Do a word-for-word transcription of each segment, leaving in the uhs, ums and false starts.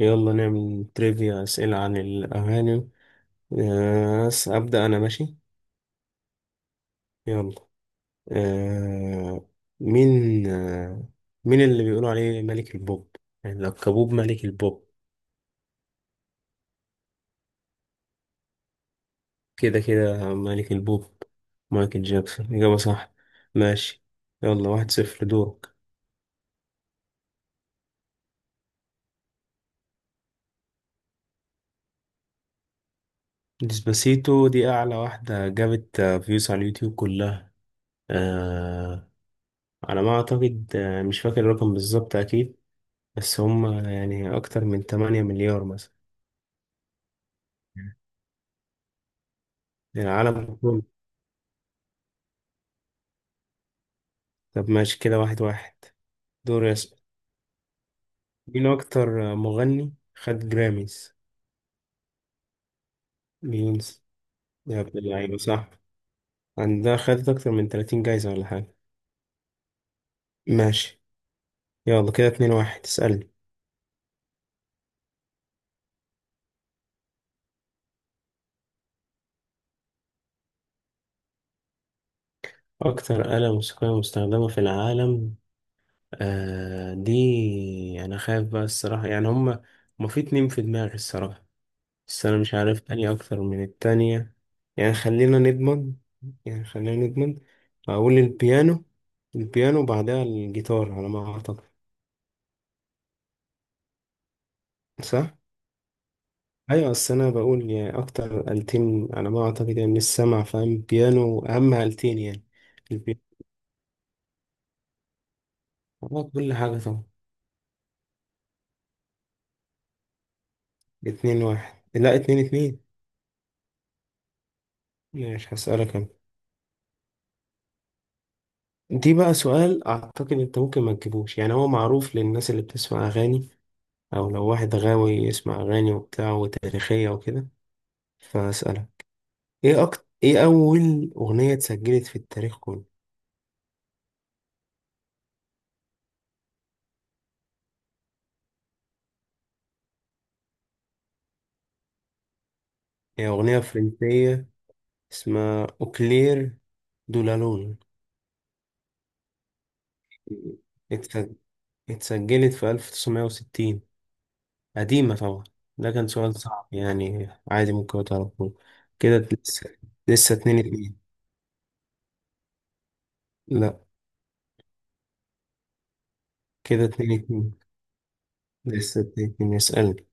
يلا نعمل تريفيا أسئلة عن الأغاني. آه، أس- أبدأ أنا، ماشي يلا. آه، مين آه، مين اللي بيقولوا عليه ملك البوب؟ يعني لقبوه ملك البوب. كده كده ملك البوب. مايكل جاكسون إجابة صح. ماشي، يلا، واحد صفر، دورك. ديسباسيتو دي أعلى واحدة جابت آه، فيوز على اليوتيوب كلها. آه، على ما أعتقد آه، مش فاكر الرقم بالظبط أكيد، بس هم يعني أكتر من تمانية مليار مثلا. للعالم كله. طب ماشي كده، واحد واحد. دور يسأل. مين أكتر مغني خد جراميز؟ بيونس، يا ابن اللعيبة صح. عندها خدت أكتر من تلاتين جايزة ولا حاجة. ماشي، يلا كده اتنين واحد، اسألني. أكتر آلة موسيقية مستخدمة في العالم، آه دي أنا خايف بقى الصراحة، يعني هما هما في اتنين في دماغي الصراحة، بس أنا مش عارف أني أكتر من التانية. يعني خلينا نضمن، يعني خلينا نضمن. أقول البيانو. البيانو وبعدها الجيتار على ما أعتقد. صح؟ أيوة، بس أنا بقول يعني أكتر آلتين على ما أعتقد، يعني من السمع فاهم، بيانو أهم آلتين يعني. البيانو. آه، كل حاجة طبعا. اتنين واحد، لا اتنين اتنين. مش هسألك أنا. دي بقى سؤال أعتقد أنت ممكن ما تجيبوش، يعني هو معروف للناس اللي بتسمع أغاني، او لو واحد غاوي يسمع اغاني وبتاع وتاريخية وكده. فاسألها. ايه أكتر ايه اول اغنية اتسجلت في التاريخ كله؟ هي اغنية فرنسية اسمها اوكلير دولالون. اتس- اتسجلت في ألف وتسعمية وستين، قديمة طبعا. ده كان سؤال صعب، يعني عادي ممكن تعرفوه. كده لسه لسه اتنين اتنين. لا كده اتنين اتنين. لسه اتنين اتنين، يسألني.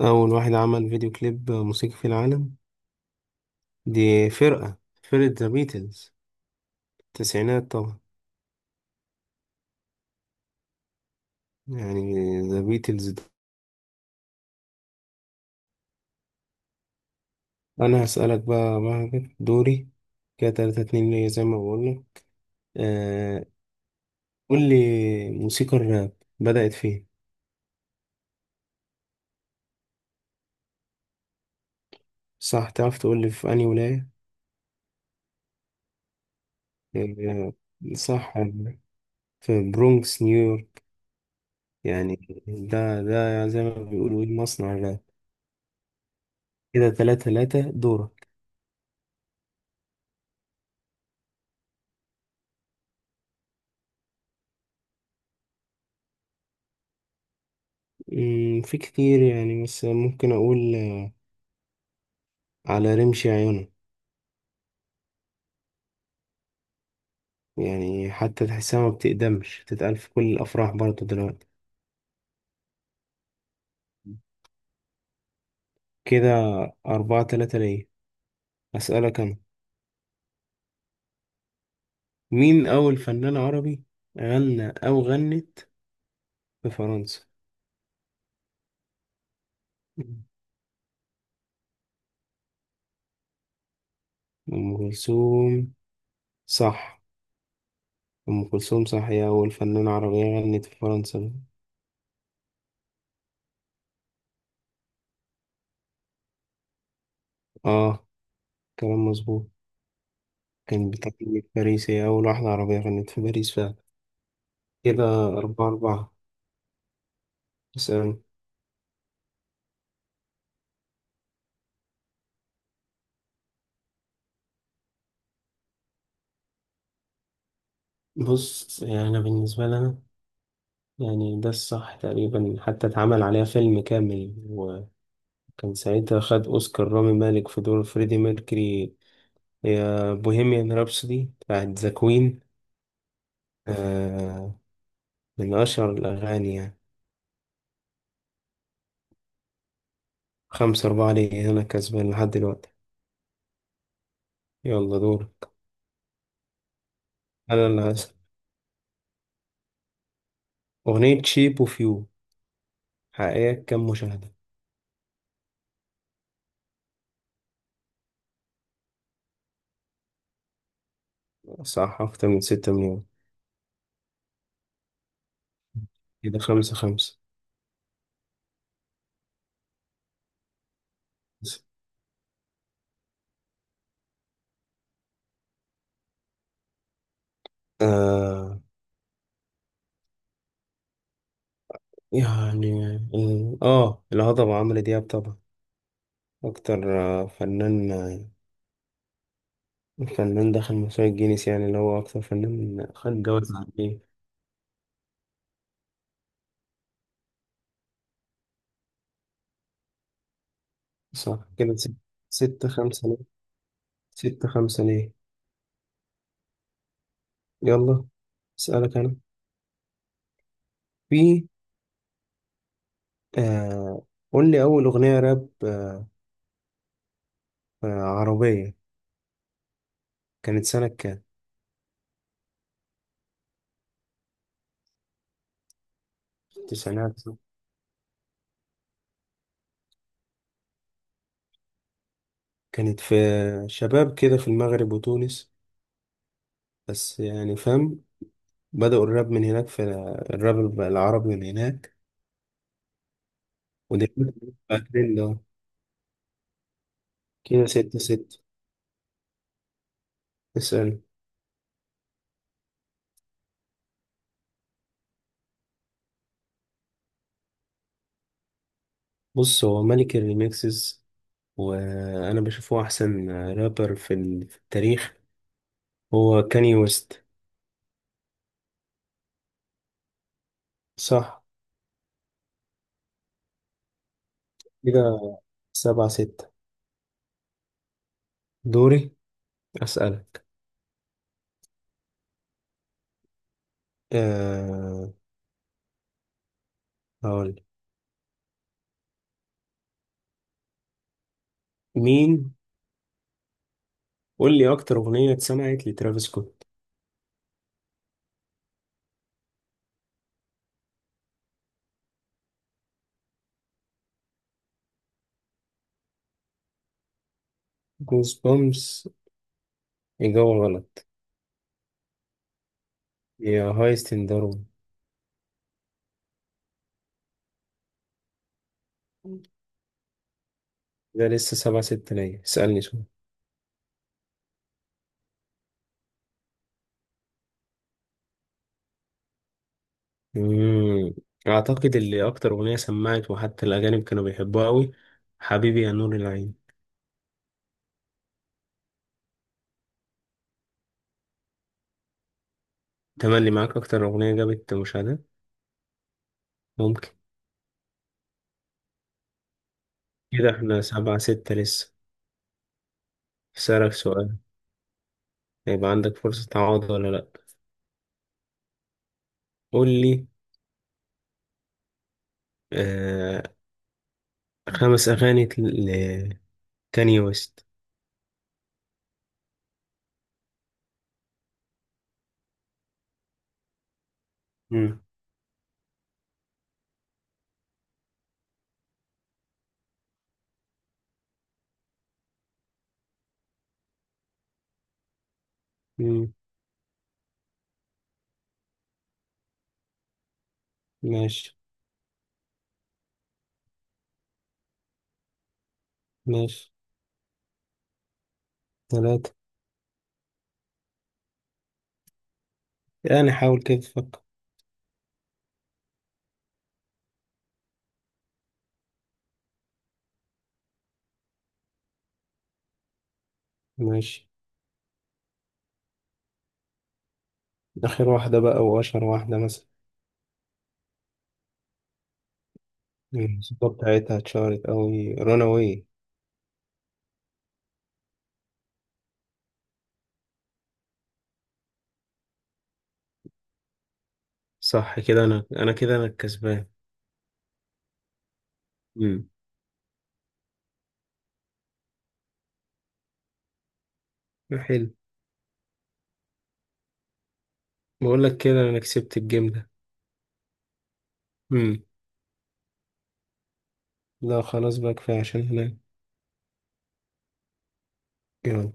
أول واحد عمل فيديو كليب موسيقي في العالم، دي فرقة، فرقة ذا بيتلز، التسعينات طبعا. يعني ذا بيتلز ده. أنا هسألك بقى، مهجر دوري، كده تلاتة اتنين ليا زي ما بقولنا. آه قول لي، موسيقى الراب بدأت فين؟ صح، تعرف تقول لي في أنهي ولاية؟ آه صح، في برونكس نيويورك، يعني ده ده زي ما بيقولوا إيه، مصنع الراب. كده تلاتة تلاتة، دورك. مم، في كتير يعني، بس ممكن أقول على رمش عيونك. يعني حتى تحسها ما بتقدمش، بتتقال في كل الأفراح برضه دلوقتي. كده أربعة تلاتة ليا، أسألك أنا. مين أول فنان عربي غنى أو غنت في فرنسا؟ أم كلثوم صح، أم كلثوم صح، هي أول فنانة عربية غنت في فرنسا. آه كلام مظبوط، كان بتغني في باريس، هي أول واحدة عربية غنت في باريس فعلا. كده أربعة أربعة. اسأل. بص، يعني أنا بالنسبة لي أنا، يعني ده الصح تقريبا، حتى اتعمل عليها فيلم كامل، وكان ساعتها خد أوسكار رامي مالك في دور فريدي ميركوري، يا بوهيميان رابسودي بتاعت ذا كوين. آه، من أشهر الأغاني يعني. خمسة أربعة ليه، أنا كسبان لحد دلوقتي. يلا دور، أنا اللي هسأل. أغنية شيب أوف يو، حقيقة كام مشاهدة؟ صح، أكتر من ستة مليون. كده خمسة خمسة. آه يعني ال- آه الهضبة عمرو دياب طبعا، أكتر آه، فنان، آه، فنان دخل موسوعة جينيس، يعني اللي هو أكتر فنان خد جوائز عليه. صح كده ست- ستة خمسة ليه. ستة خمسة ليه. يلا أسألك أنا. في آه، قول لي، أول أغنية راب آه آه، عربية كانت سنة كام؟ التسعينات صح؟ كانت في شباب كده في المغرب وتونس، بس يعني فاهم، بدأوا الراب من هناك، في الراب العربي من هناك. ودلوقتي بقى ترند أهو. كده ستة ستة. اسأل. بص، هو ملك الريميكسز، وانا بشوفه احسن رابر في ال- في التاريخ، هو كاني ويست. صح كده سبعة ستة، دوري. اسألك، أه هقول، مين قول لي اكتر اغنية اتسمعت لترافيس سكوت. جوز بومس، اجابة غلط. يا هايست ان داروين. ده لسه سبعة ستة ليا، اسألني سؤال. مم. اعتقد اللي اكتر اغنية سمعت، وحتى الاجانب كانوا بيحبوها قوي، حبيبي يا نور العين. تملي معاك أكتر أغنية جابت مشاهدات، ممكن. كده احنا سبعة ستة لسه. هسألك سؤال، هيبقى عندك فرصة تعوض ولا لأ. قول لي آه، خمس أغاني لكاني ويست. مم. مم، ماشي. ماشي. ثلاثة. يعني حاول كده تفكر. ماشي. آخر واحدة بقى وأشهر واحدة مثلا. الموسيقى بتاعتها اتشهرت أوي، راناوي. صح كده، أنا أنا كده أنا الكسبان. مم. حلو. بقول لك كده أنا كسبت الجيم ده. مم. لا خلاص بقى، كفاية عشان هناك. يلا.